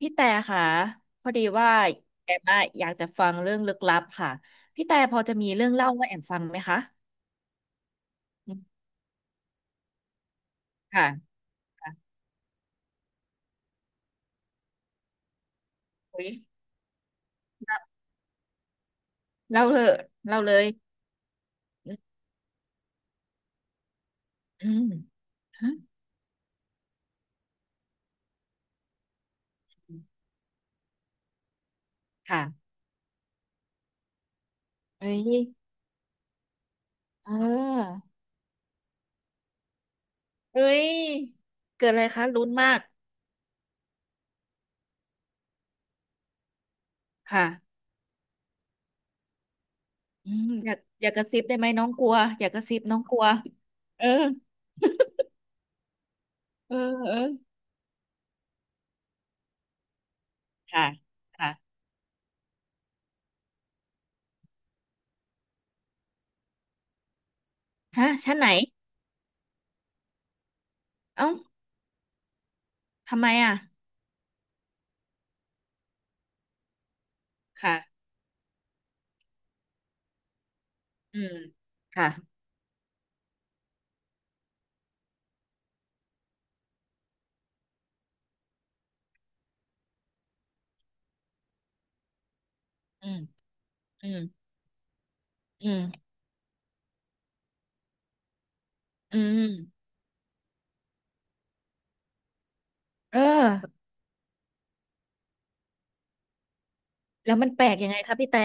พี่แต่ค่ะพอดีว่าแอมอะอยากจะฟังเรื่องลึกลับค่ะพี่แต่พอจะมีเรื่องเล่าว่าแอมฟังไหมคะอืมค่ะค่ะอุ๊ยเล่าเลยเล่าเลยอืมอืมฮะค่ะเอ้ยเออเอ้ยเกิดอะไรคะลุ้นมากค่ะอืมอยากอยากกระซิบได้ไหมน้องกลัวอยากกระซิบน้องกลัวเออเออเออค่ะค่ะฮะชั้นไหนเอ้าทำไมอ่ะค่ะอืมค่ะอืม อืม อืมอืมเออแล้วมันแปลกยังไงคะพี่แต่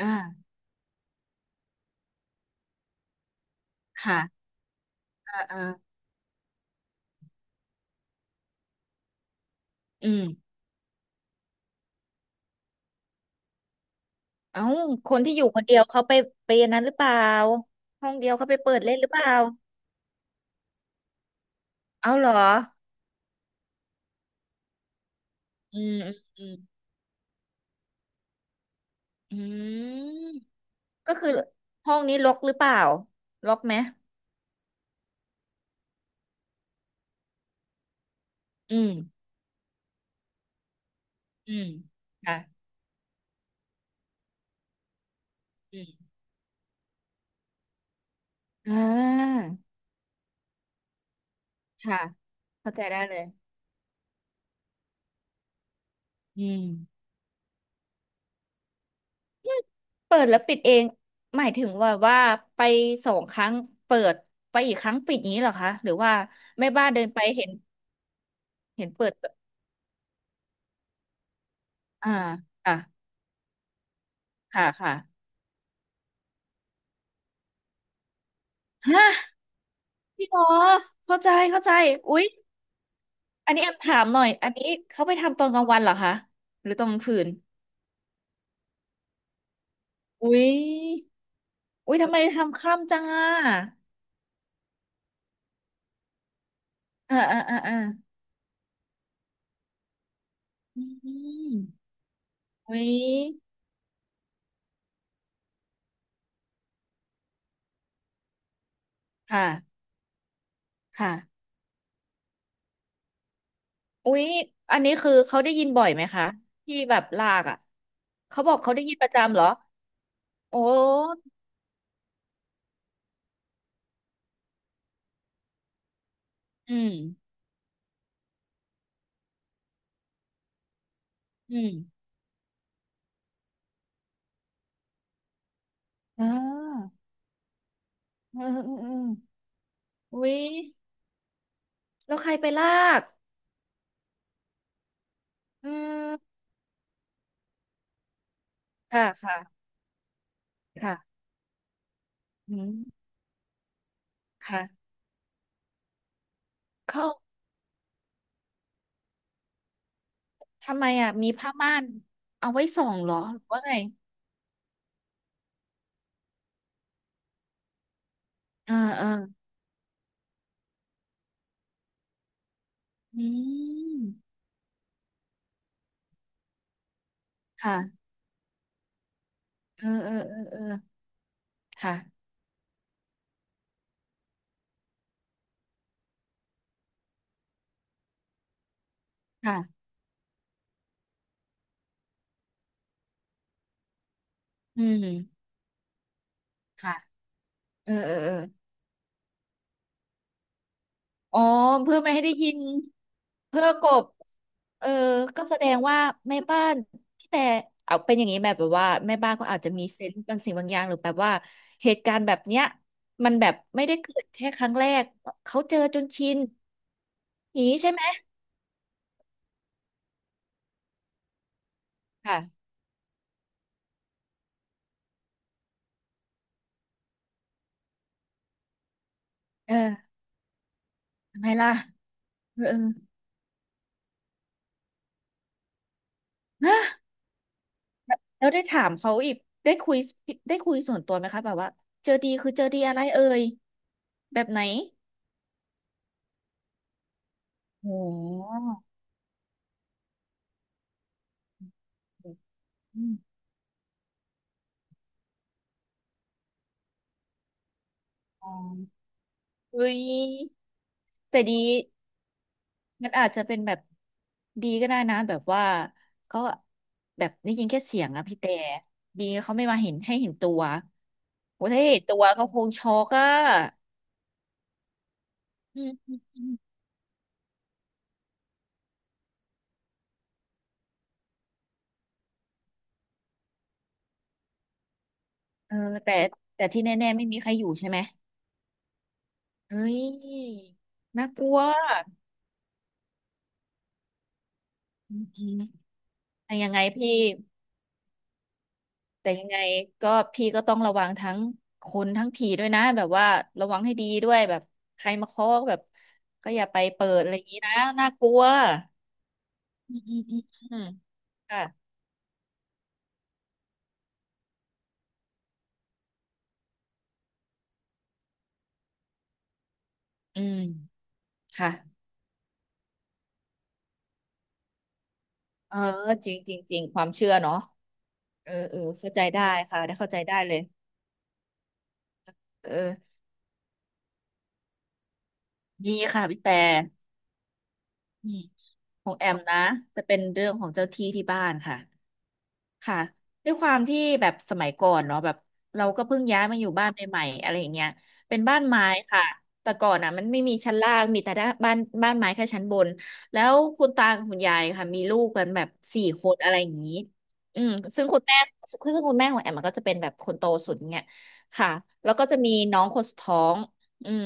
อ่าค่ะเอ่าอาอืมเอ้าคนที่อยู่คนเดียวเขาไปอันนั้นหรือเปล่าห้องเดียวเขาไปเปิดเล่นหรือเปล่าเอาเหรออืมอืมอืมอืมก็คือห้องนี้ล็อกหรือเปล่าล็อกไหมอืมอืมค่ะอืมอ่าค่ะเข้าใจได้เลยอืม เปิดแล้วปิดเองหมายถึงว่าว่าไปสองครั้งเปิดไปอีกครั้งปิดอย่างนี้เหรอคะหรือว่าแม่บ้านเดินไปเห็นเห็นเปิดอ่าค่ะค่ะค่ะฮะพี่หมอเข้าใจเข้าใจอุ๊ยอันนี้แอมถามหน่อยอันนี้เขาไปทำตอนกลางวันเหรอคะหรือตอนกลางคืนอุ๊ยอุ๊ยทำไมทำค่ำจังอ่ะอ่าอ่าอ่าอ่าอืมอุ๊ยค่ะค่ะ อุ๊ยอันนี้คือเขาได้ยินบ่อยไหมคะที่แบบลากอ่ะเขาบอกเขาได้ยินประจำเหรอโอ้อืมอืมอ่าอืมอืมอืมอุ๊ยแล้วใครไปลากอืมค่ะค่ะค่ะอืมค่ะเขาทำไมอ่ะมีผ้าม่านเอาไว้ส่องเหรอหรือว่าไงเอ่าอ่าอืมค่ะเออเออเออเออค่ะค่ะอืมค่ะเออเออเออ อ๋อเพื่อไม่ให้ได้ยินเพื่อกบเออก็แสดงว่าแม่บ้านพี่แต่เอาเป็นอย่างนี้แบบว่าแม่บ้านก็อาจจะมีเซนส์บางสิ่งบางอย่างหรือแบบว่าเหตุการณ์แบบเนี้ยมันแบบไม่ได้เกิดแค่ครั้งแรกเขาเจอจนชินอย่างนี้ใช่ไหมค่ะเออทำไมล่ะเออเออฮะแล้วได้ถามเขาอีกได้คุยได้คุยส่วนตัวไหมคะแบบว่าเจอดีคือเจอดีอะไรเอ่ยแบบไหนโอ้โหอืมอ๋อ อุ้ยแต่ดีมันอาจจะเป็นแบบดีก็ได้นะแบบว่าเขาแบบได้ยินแค่เสียงอะพี่แต่ดีเขาไม่มาเห็นให้เห็นตัวโอ้ถ้าเห็นตัวเขาคงช็อกอะอืมอืมอืมเออแต่แต่ที่แน่ๆไม่มีใครอยู่ใช่ไหมเฮ้ยน่ากลัวอืมอืมแต่ยังไงพี่ แต่ยังไงก็พี่ก็ต้องระวังทั้งคนทั้งผีด้วยนะแบบว่าระวังให้ดีด้วยแบบใครมาเคาะแบบก็อย่าไปเปิดอะไรอย่างนี้นะน่ากลัวอืมอืมอืมอืมค่ะอืมค่ะเออจริงจริงจริงความเชื่อเนาะเออเออเข้าใจได้ค่ะได้เข้าใจได้เลยเออมีค่ะพี่แต่อืมของแอมนะจะเป็นเรื่องของเจ้าที่ที่บ้านค่ะ ค่ะด้วยความที่แบบสมัยก่อนเนาะแบบเราก็เพิ่งย้ายมาอยู่บ้านใหม่ๆอะไรอย่างเงี้ยเป็นบ้านไม้ค่ะแต่ก่อนอ่ะมันไม่มีชั้นล่างมีแต่ด้านบ้านบ้านไม้แค่ชั้นบนแล้วคุณตากับคุณยายค่ะมีลูกกันแบบ4 คนอะไรอย่างนี้อืมซึ่งคุณแม่ซึ่งคุณแม่ของแอมมันก็จะเป็นแบบคนโตสุดเงี้ยค่ะแล้วก็จะมีน้องคนสุดท้องอืม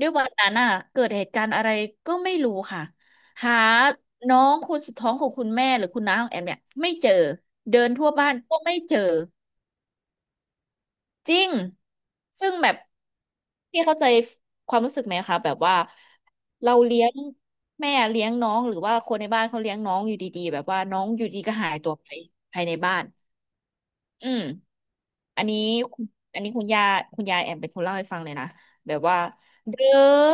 ด้วยวันนั้นอ่ะเกิดเหตุการณ์อะไรก็ไม่รู้ค่ะ หาน้องคนสุดท้องของคุณแม่หรือคุณน้าของแอมเนี่ยไม่เจอเดินทั่วบ้านก็ไม่เจอจริงซึ่งแบบพี่เข้าใจความรู้สึกไหมคะแบบว่าเราเลี้ยงแม่เลี้ยงน้องหรือว่าคนในบ้านเขาเลี้ยงน้องอยู่ดีๆแบบว่าน้องอยู่ดีก็หายตัวไปภายในบ้านอืม อันนี้คุณอันนี้คุณยายแอมเป็นคนเล่าให้ฟังเลยนะแบบว่าเดิ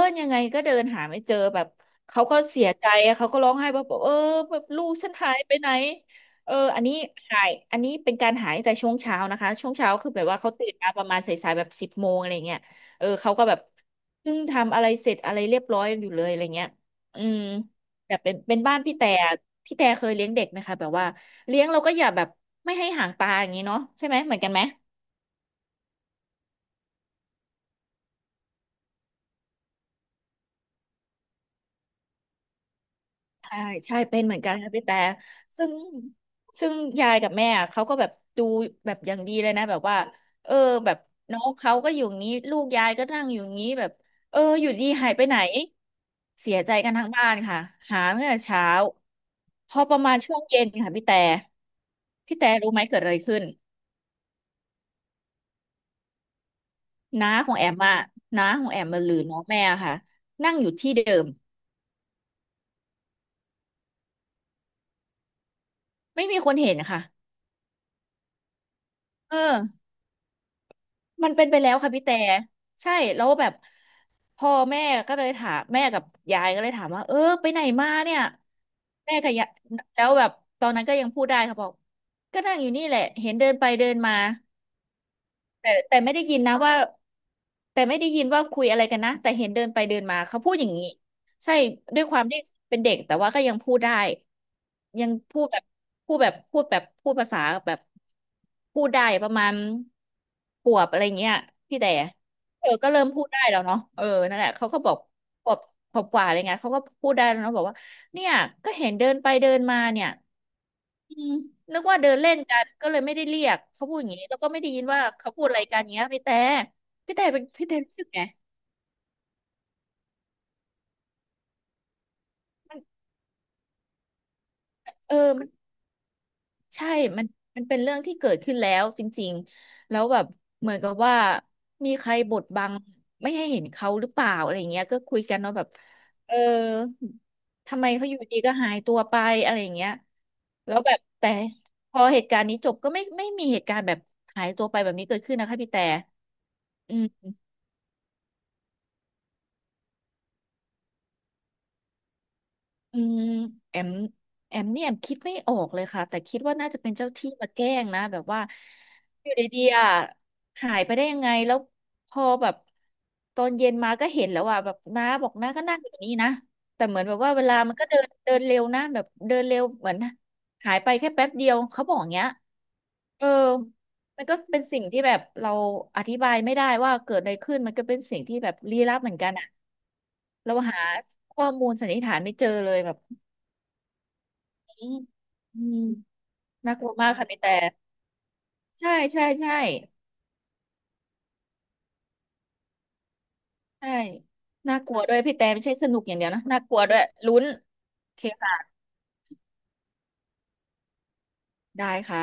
นยังไงก็เดินหาไม่เจอแบบเขาก็เสียใจอะเขาก็ร้องไห้แบบเออแบบลูกฉันหายไปไหนเอออันนี้หายอันนี้เป็นการหายตั้งแต่ช่วงเช้านะคะช่วงเช้าคือแบบว่าเขาตื่นมาประมาณสายๆแบบ10 โมงอะไรเงี้ยเออเขาก็แบบเพิ่งทำอะไรเสร็จอะไรเรียบร้อยอยู่เลยอะไรเงี้ยอืมแบบเป็นบ้านพี่แต่พี่แต่เคยเลี้ยงเด็กไหมคะแบบว่าเลี้ยงเราก็อย่าแบบไม่ให้ห่างตาอย่างนี้เนาะใช่ไหมเหมือนกันไหม ใช่ใช่เป็นเหมือนกันค่ะพี่แต่ซึ่งซึ่งยายกับแม่อะเขาก็แบบดูแบบอย่างดีเลยนะแบบว่าเออแบบน้องเขาก็อยู่อย่างนี้ลูกยายก็นั่งอยู่อย่างนี้แบบเอออยู่ดีหายไปไหนเสียใจกันทั้งบ้านค่ะหาตั้งแต่เช้าพอประมาณช่วงเย็นค่ะพี่แต่พี่แต่รู้ไหมเกิดอะไรขึ้นน้าของแอมอะน้าของแอมมาหรือน้องแม่อะค่ะนั่งอยู่ที่เดิมไม่มีคนเห็นค่ะเออ มันเป็นไปแล้วค่ะพี่แต่ใช่แล้วแบบพ่อแม่ก็เลยถามแม่กับยายก็เลยถามว่าเออไปไหนมาเนี่ยแม่กับยายแล้วแบบตอนนั้นก็ยังพูดได้ค่ะบอกก็นั่งอยู่นี่แหละเห็นเดินไปเดินมา แต่ไม่ได้ยินนะว่าแต่ไม่ได้ยินว่าคุยอะไรกันนะแต่เห็นเดินไปเดินมาเขาพูดอย่างนี้ใช่ด้วยความที่เป็นเด็กแต่ว่าก็ยังพูดได้ยังพูดแบบพูดแบบพูดภาษาแบบพูดได้ประมาณปวบอะไรเงี้ยพี่แต่เออก็เริ่มพูดได้แล้วเนาะเออนั่นแหละเขาก็บอกปวบปวบกว่าอะไรเงี้ยเขาก็พูดได้แล้วเนาะบอกว่าเนี่ยก็เห็นเดินไปเดินมาเนี่ย อืมนึกว่าเดินเล่นกันก็เลยไม่ได้เรียกเขาพูดอย่างนี้แล้วก็ไม่ได้ยินว่าเขาพูดอะไรกันเงี้ยพี่แต่พี่แต่เป็นพี่แต่รู้สึกไงเออมันใช่มันมันเป็นเรื่องที่เกิดขึ้นแล้วจริงๆแล้วแบบเหมือนกับว่ามีใครบดบังไม่ให้เห็นเขาหรือเปล่าอะไรเงี้ยก็คุยกันเนาะแบบเออทำไมเขาอยู่ดีก็หายตัวไปอะไรเงี้ยแล้วแบบแต่พอเหตุการณ์นี้จบก็ไม่มีเหตุการณ์แบบหายตัวไปแบบนี้เกิดขึ้นนะคะพี่แต่อืม อืมแอมแอมเนี่ยแอมคิดไม่ออกเลยค่ะแต่คิดว่าน่าจะเป็นเจ้าที่มาแกล้งนะแบบว่าอยู่ดีๆอ่ะหายไปได้ยังไงแล้วพอแบบตอนเย็นมาก็เห็นแล้วอ่ะแบบน้าบอกน้าก็นั่งอยู่นี่นะแต่เหมือนแบบว่าเวลามันก็เดินเดินเร็วนะแบบเดินเร็วเหมือนหายไปแค่แป๊บเดียวเขาบอกอย่างเงี้ยเออ มันก็เป็นสิ่งที่แบบเราอธิบายไม่ได้ว่าเกิดอะไรขึ้นมันก็เป็นสิ่งที่แบบลี้ลับเหมือนกันอะเราหาข้อมูลสันนิษฐานไม่เจอเลยแบบอืมอืมน่ากลัวมากค่ะพี่แต่ใช่ใช่ใช่น่ากลัวด้วยพี่แต่ไม่ใช่สนุกอย่างเดียวนะน่ากลัวด้วยลุ้นโอเคค่ะได้ค่ะ